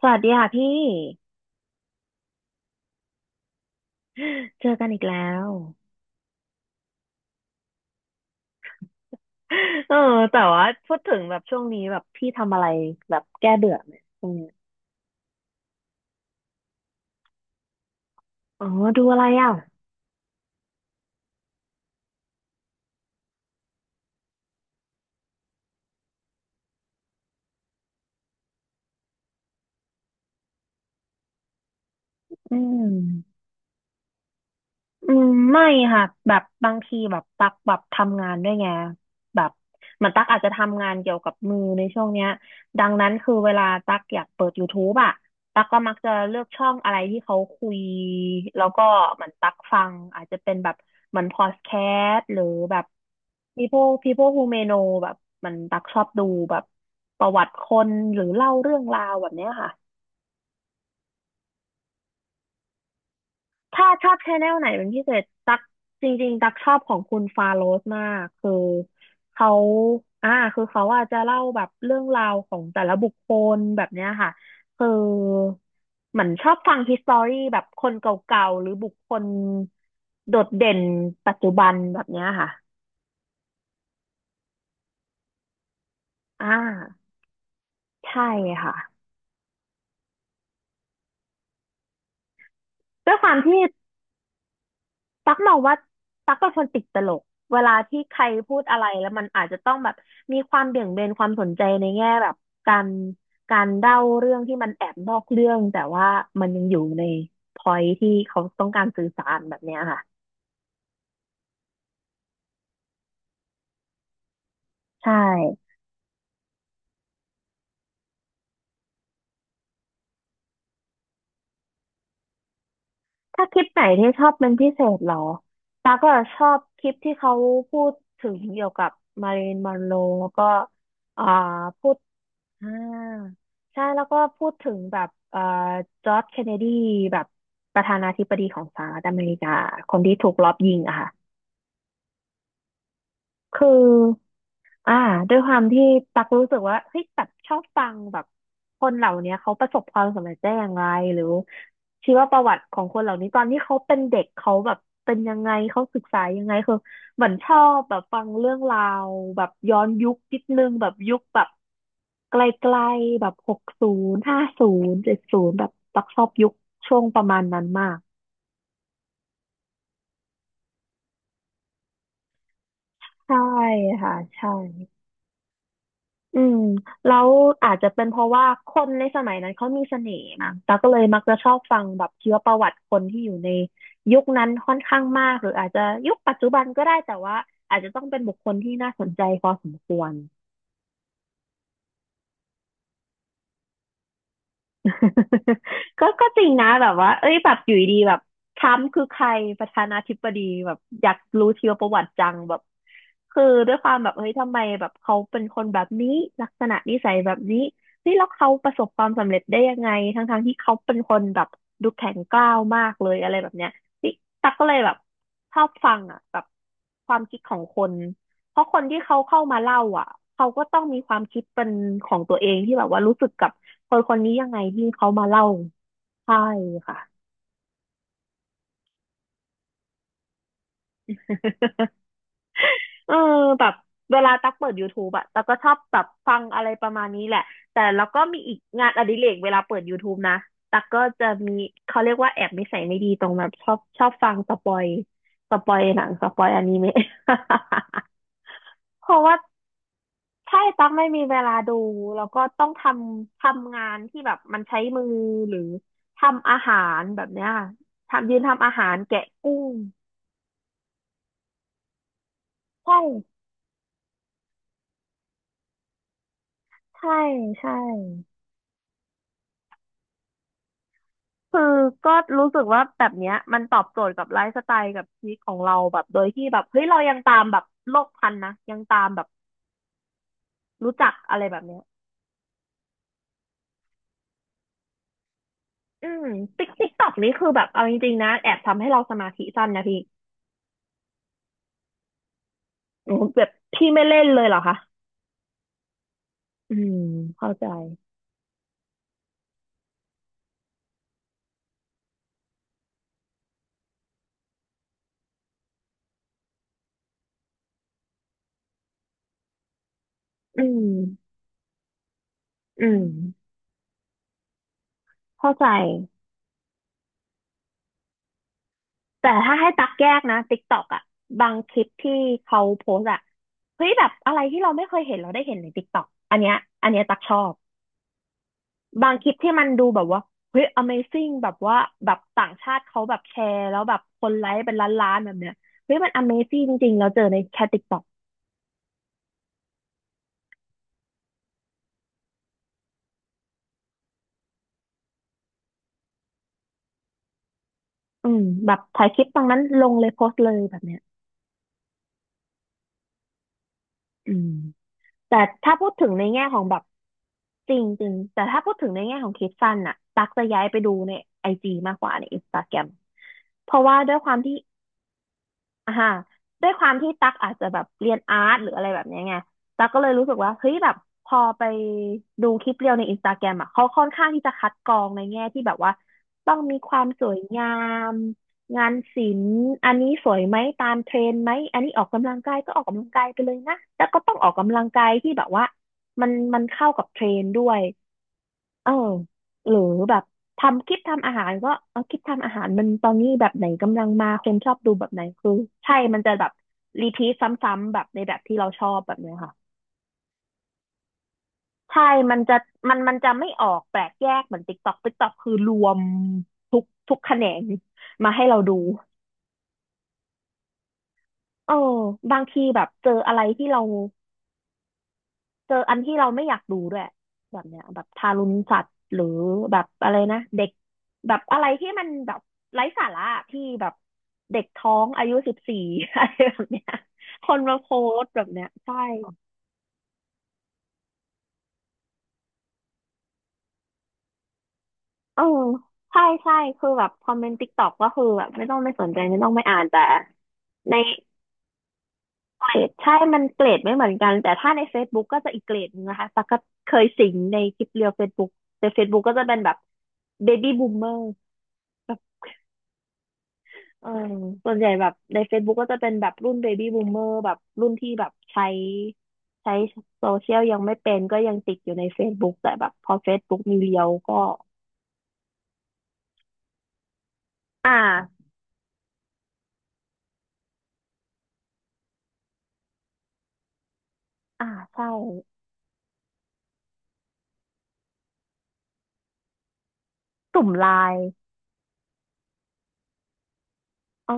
สวัสดีค่ะพี่ เจอกันอีกแล้วเออแต่ว่าพูดถึงแบบช่วงนี้แบบพี่ทำอะไรแบบแก้เบื่อไหมช่วงเนี้ยอ๋อ ดูอะไรอ่ะอืม อืมไม่ค่ะแบบบางทีแบบตักแบบทำงานด้วยไงแบบเหมือนตักอาจจะทำงานเกี่ยวกับมือในช่วงเนี้ยดังนั้นคือเวลาตักอยากเปิด YouTube อะตักก็มักจะเลือกช่องอะไรที่เขาคุยแล้วก็เหมือนตักฟังอาจจะเป็นแบบเหมือนพอดแคสต์หรือแบบ people who may know แบบมันตักชอบดูแบบประวัติคนหรือเล่าเรื่องราวแบบเนี้ยค่ะ ถ้าชอบชแนลไหนเป็นพิเศษตักจริงๆตักชอบของคุณฟาโรสมากคือเขาอ่าคือเขาอาจจะเล่าแบบเรื่องราวของแต่ละบุคคลแบบเนี้ยค่ะคือเหมือนชอบฟัง h ิสตอรี่แบบคนเก่าๆหรือบุคคลโดดเด่นปัจจุบันแบบเนี้ยค่ะอ่าใช่ค่ะด้วยความที่ ตักมองว่าตักเป็นคนติดตลกเวลาที่ใครพูดอะไรแล้วมันอาจจะต้องแบบมีความเบี่ยงเบนความสนใจในแง่แบบการการเล่าเรื่องที่มันแอบนอกเรื่องแต่ว่ามันยังอยู่ในพอยที่เขาต้องการสื่อสารแบบเนี้ยค่ะใช่ถ้าคลิปไหนที่ชอบเป็นพิเศษเหรอตาก็ชอบคลิปที่เขาพูดถึงเกี่ยวกับมาริลีนมอนโรแล้วก็อ่าพูด อ่าใช่แล้วก็พูดถึงแบบจอร์จเคนเนดีแบบประธานาธิบดีของสหรัฐอเมริกาคนที่ถูกลอบยิงอะค่ะคืออ่าด้วยความที่ตักรู้สึกว่าเฮ้ยแบบชอบฟังแบบคนเหล่าเนี้ยเขาประสบความสำเร็จได้อย่างไรหรือชีวประวัติของคนเหล่านี้ตอนที่เขาเป็นเด็กเขาแบบเป็นยังไงเขาศึกษายังไงคือเหมือนชอบแบบฟังเรื่องราวแบบย้อนยุคนิดนึงแบบยุคแบบ ไกลๆแบบหกศูนย์ห้าศูนย์เจ็ดศูนย์แบบตักชอบยุคช่วงประมาณนั้นมากใช่ค่ะใช่อืมแล้วอาจจะเป็นเพราะว่าคนในสมัยนั้นเขามีเสน่ห์มั้งตาก็เลยมักจะชอบฟังแบบชีวประวัติคนที่อยู่ในยุคนั้นค่อนข้างมากหรืออาจจะยุคปัจจุบันก็ได้แต่ว่าอาจจะต้องเป็นบุคคลที่น่าสนใจพอสมควร ก็จริงนะแบบว่าเอ้ยแบบอยู่ดีๆแบบทรัมป์คือใครประธานาธิบดีแบบอยากรู้ชีวประวัติจังแบบคือด้วยความแบบเฮ้ยทำไมแบบเขาเป็นคนแบบนี้ลักษณะนิสัยแบบนี้นี่แล้วเขาประสบความสำเร็จได้ยังไงทั้งๆที่เขาเป็นคนแบบดูแข็งกร้าวมากเลยอะไรแบบเนี้ยนี่ตักก็เลยแบบชอบฟังอ่ะแบบความคิดของคน เพราะคนที่เขาเข้ามาเล่าอ่ะเขาก็ต้องมีความคิดเป็นของตัวเองที่แบบว่ารู้สึกกับคนคนนี้ยังไงที่เขามาเล่าใช่ค่ะ เออแบบเวลาตักเปิด YouTube อะตักก็ชอบแบบฟังอะไรประมาณนี้แหละแต่แล้วก็มีอีกงานอดิเรกเวลาเปิด YouTube นะตักก็จะมีเขาเรียกว่าแอบนิสัยไม่ดีตรงแบบชอบฟังสปอยสปอยหนังสปอยอนิเมะ เพราะว่าใช่ตั๊กไม่มีเวลาดูแล้วก็ต้องทำทำงานที่แบบมันใช้มือหรือทำอาหารแบบเนี้ยทำยืนทำอาหารแกะกุ้งใช่ใช่ใช่คือก็รู้สึกว่าแบบเนี้ยมันตอบโจทย์กับไลฟ์สไตล์กับชีวิตของเราแบบโดยที่แบบเฮ้ยเรายังตามแบบโลกทันนะยังตามแบบรู้จักอะไรแบบเนี้ยอืมติ๊กติ๊กตอกนี้คือแบบเอาจริงๆนะแอบทำให้เราสมาธิสั้นนะพี่โอ้โหแบบพี่ไม่เล่นเลยเหรอคะ อืมเข้าใจอืมอืมเข้าใจแต่ถ้าให้ตักแยกนะติ๊กต็อกอะบางคลิปที่เขาโพสต์อะเฮ้ยแบบอะไรที่เราไม่เคยเห็นเราได้เห็นในติกตอกอันเนี้ยอันเนี้ยตักชอบบางคลิปที่มันดูแบบว่าเฮ้ย Amazing แบบว่าแบบต่างชาติเขาแบบแชร์แล้วแบบคนไลค์เป็นล้านๆแบบเนี้ยเฮ้ยมัน Amazing จริงๆเราเจอในแค่ติกตอกอืมแบบถ่ายคลิปตรงนั้นลงเลยโพสต์เลยแบบเนี้ยอืม แต่ถ้าพูดถึงในแง่ของแบบจริงจริงแต่ถ้าพูดถึงในแง่ของคลิปสั้นน่ะตักจะย้ายไปดูในไอจีมากกว่าในอินสตาแกรมเพราะว่าด้วยความที่ อ่าฮะด้วยความที่ตักอาจจะแบบเรียนอาร์ตหรืออะไรแบบเนี้ยไงตักก็เลยรู้สึกว่าเฮ้ยแบบพอไปดูคลิปเรียวในอินสตาแกรมอ่ะเขาค่อนข้างที่จะคัดกรองในแง่ที่แบบว่าต้องมีความสวยงามงานศิลป์อันนี้สวยไหมตามเทรนด์ไหมอันนี้ออกกำลังกายก็ออกกำลังกายไปเลยนะแต่ก็ต้องออกกำลังกายที่แบบว่ามันเข้ากับเทรนด์ด้วย เออหรือแบบทำคลิปทำอาหารก็เอาคลิปทำอาหารมันตอนนี้แบบไหนกำลังมาคนชอบดูแบบไหนคือใช่มันจะแบบรีพีทซ้ำๆแบบในแบบที่เราชอบแบบเนี้ยค่ะใช่มันจะมันจะไม่ออกแปลกแยกเหมือนติ๊กต็อกติ๊กตอกคือรวมทุกแขนงมาให้เราดูเออบางทีแบบเจออะไรที่เรา เจออันที่เราไม่อยากดูด้วยแบบเนี้ยแบบทารุณสัตว์หรือแบบอะไรนะเด็กแบบอะไรที่มันแบบไร้สาระที่แบบเด็กท้องอายุ14 อะไรแบบเนี้ยคนมาโพสต์แบบเนี้ยใช่เออใช่ใช่คือแบบคอมเมนต์ติ๊กต็อกก็คือแบบไม่ต้องไม่สนใจไม่ต้องไม่อ่านแต่ในเกรดใช่มันเกรดไม่เหมือนกันแต่ถ้าใน Facebook ก็จะอีกเกรดนึงนะคะตักก็เคยสิงในคลิปเรียว Facebook ใน Facebook ก็จะเป็นแบบ Baby Boomer เออส่วนใหญ่แบบใน Facebook ก็จะเป็นแบบรุ่นเบบี้บูมเมอร์แบบรุ่นที่แบบใช้โซเชียลยังไม่เป็นก็ยังติดอยู่ใน Facebook แต่แบบพอ Facebook มีเรียวก็อ่าอ่าใช่กลุ่มไลน์อ๋อ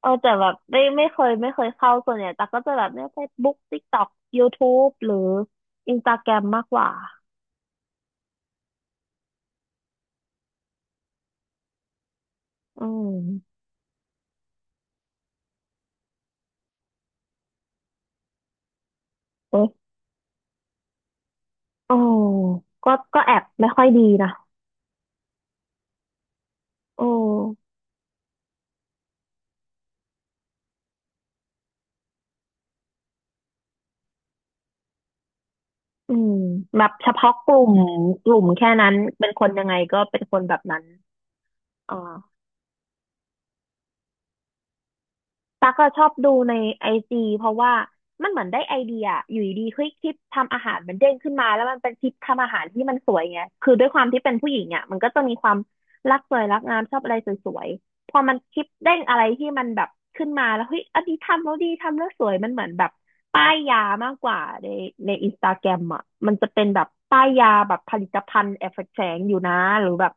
เออแต่แบบไม่เคยเข้าส่วนใหญ่แต่กก็จะแบบเนี่ย Facebook TikTok YouTube หรือ Instagram มมากกว่าอืมเอ๊ะอ๋อก็แอบไม่ค่อยดีนะโอ้ อืมแบบเฉพาะกลุ่มกลุ่มแค่นั้นเป็นคนยังไงก็เป็นคนแบบนั้นอ๋อ ตั๊กอะชอบดูในไอจีเพราะว่ามันเหมือนได้ไอเดียออยู่ดีๆเฮ้ยคลิปทำอาหารมันเด้งขึ้นมาแล้วมันเป็นคลิปทำอาหารที่มันสวยไงคือด้วยความที่เป็นผู้หญิงอ่ะมันก็จะมีความรักสวยรักงามชอบอะไรสวยๆพอมันคลิปเด้งอะไรที่มันแบบขึ้นมาแล้วเฮ้ยอันนี้ทำแล้วดีทำแล้วสวยมันเหมือนแบบป้ายยามากกว่าในอินสตาแกรมอ่ะมันจะเป็นแบบป้ายยาแบบผลิตภัณฑ์แอบแฝงอยู่นะหรือแบบ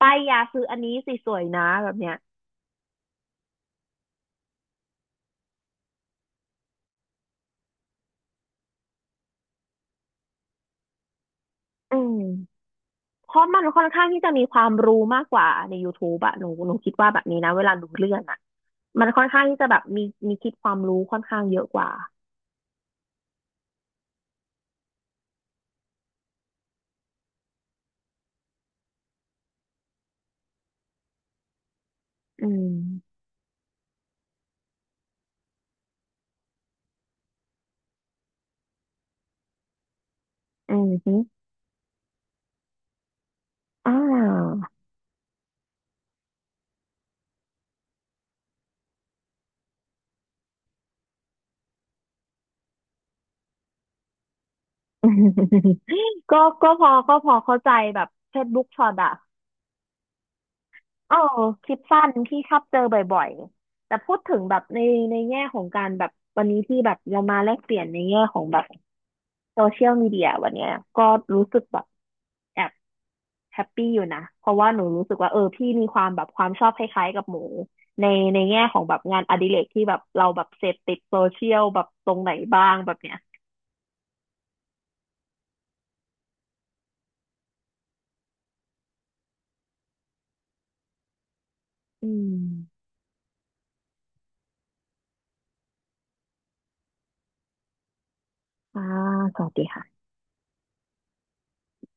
ป้ายยาซื้ออันนี้สิสวยนะแบบเนี้ยอืม เพราะมันค่อนข้างที่จะมีความรู้มากกว่าใน YouTube อะหนูคิดว่าแบบนี้นะเวลาดูเรื่องอะมันค่อนข้างที่จะแบบมีมีคิดความรู้ค่อนข้างเยอะกว่าอืมอืมฮึอ่าก็พอเข้าใจแบบ Facebook Short อะเออคลิปสั้นที่ชอบเจอบ่อยๆแต่พูดถึงแบบในแง่ของการแบบวันนี้ที่แบบเรามาแลกเปลี่ยนในแง่ของแบบโซเชียลมีเดียวันเนี้ยก็รู้สึกแบบแอบ แฮปปี้อยู่นะ เพราะว่าหนูรู้สึกว่าเออพี่มีความแบบความชอบคล้ายๆกับหมูในแง่ของแบบงานอดิเรกที่แบบเราแบบเสพติดโซเชียลแบบตรงไหนบ้างแบบเนี้ยอืม อ่าสวัสดีค่ะ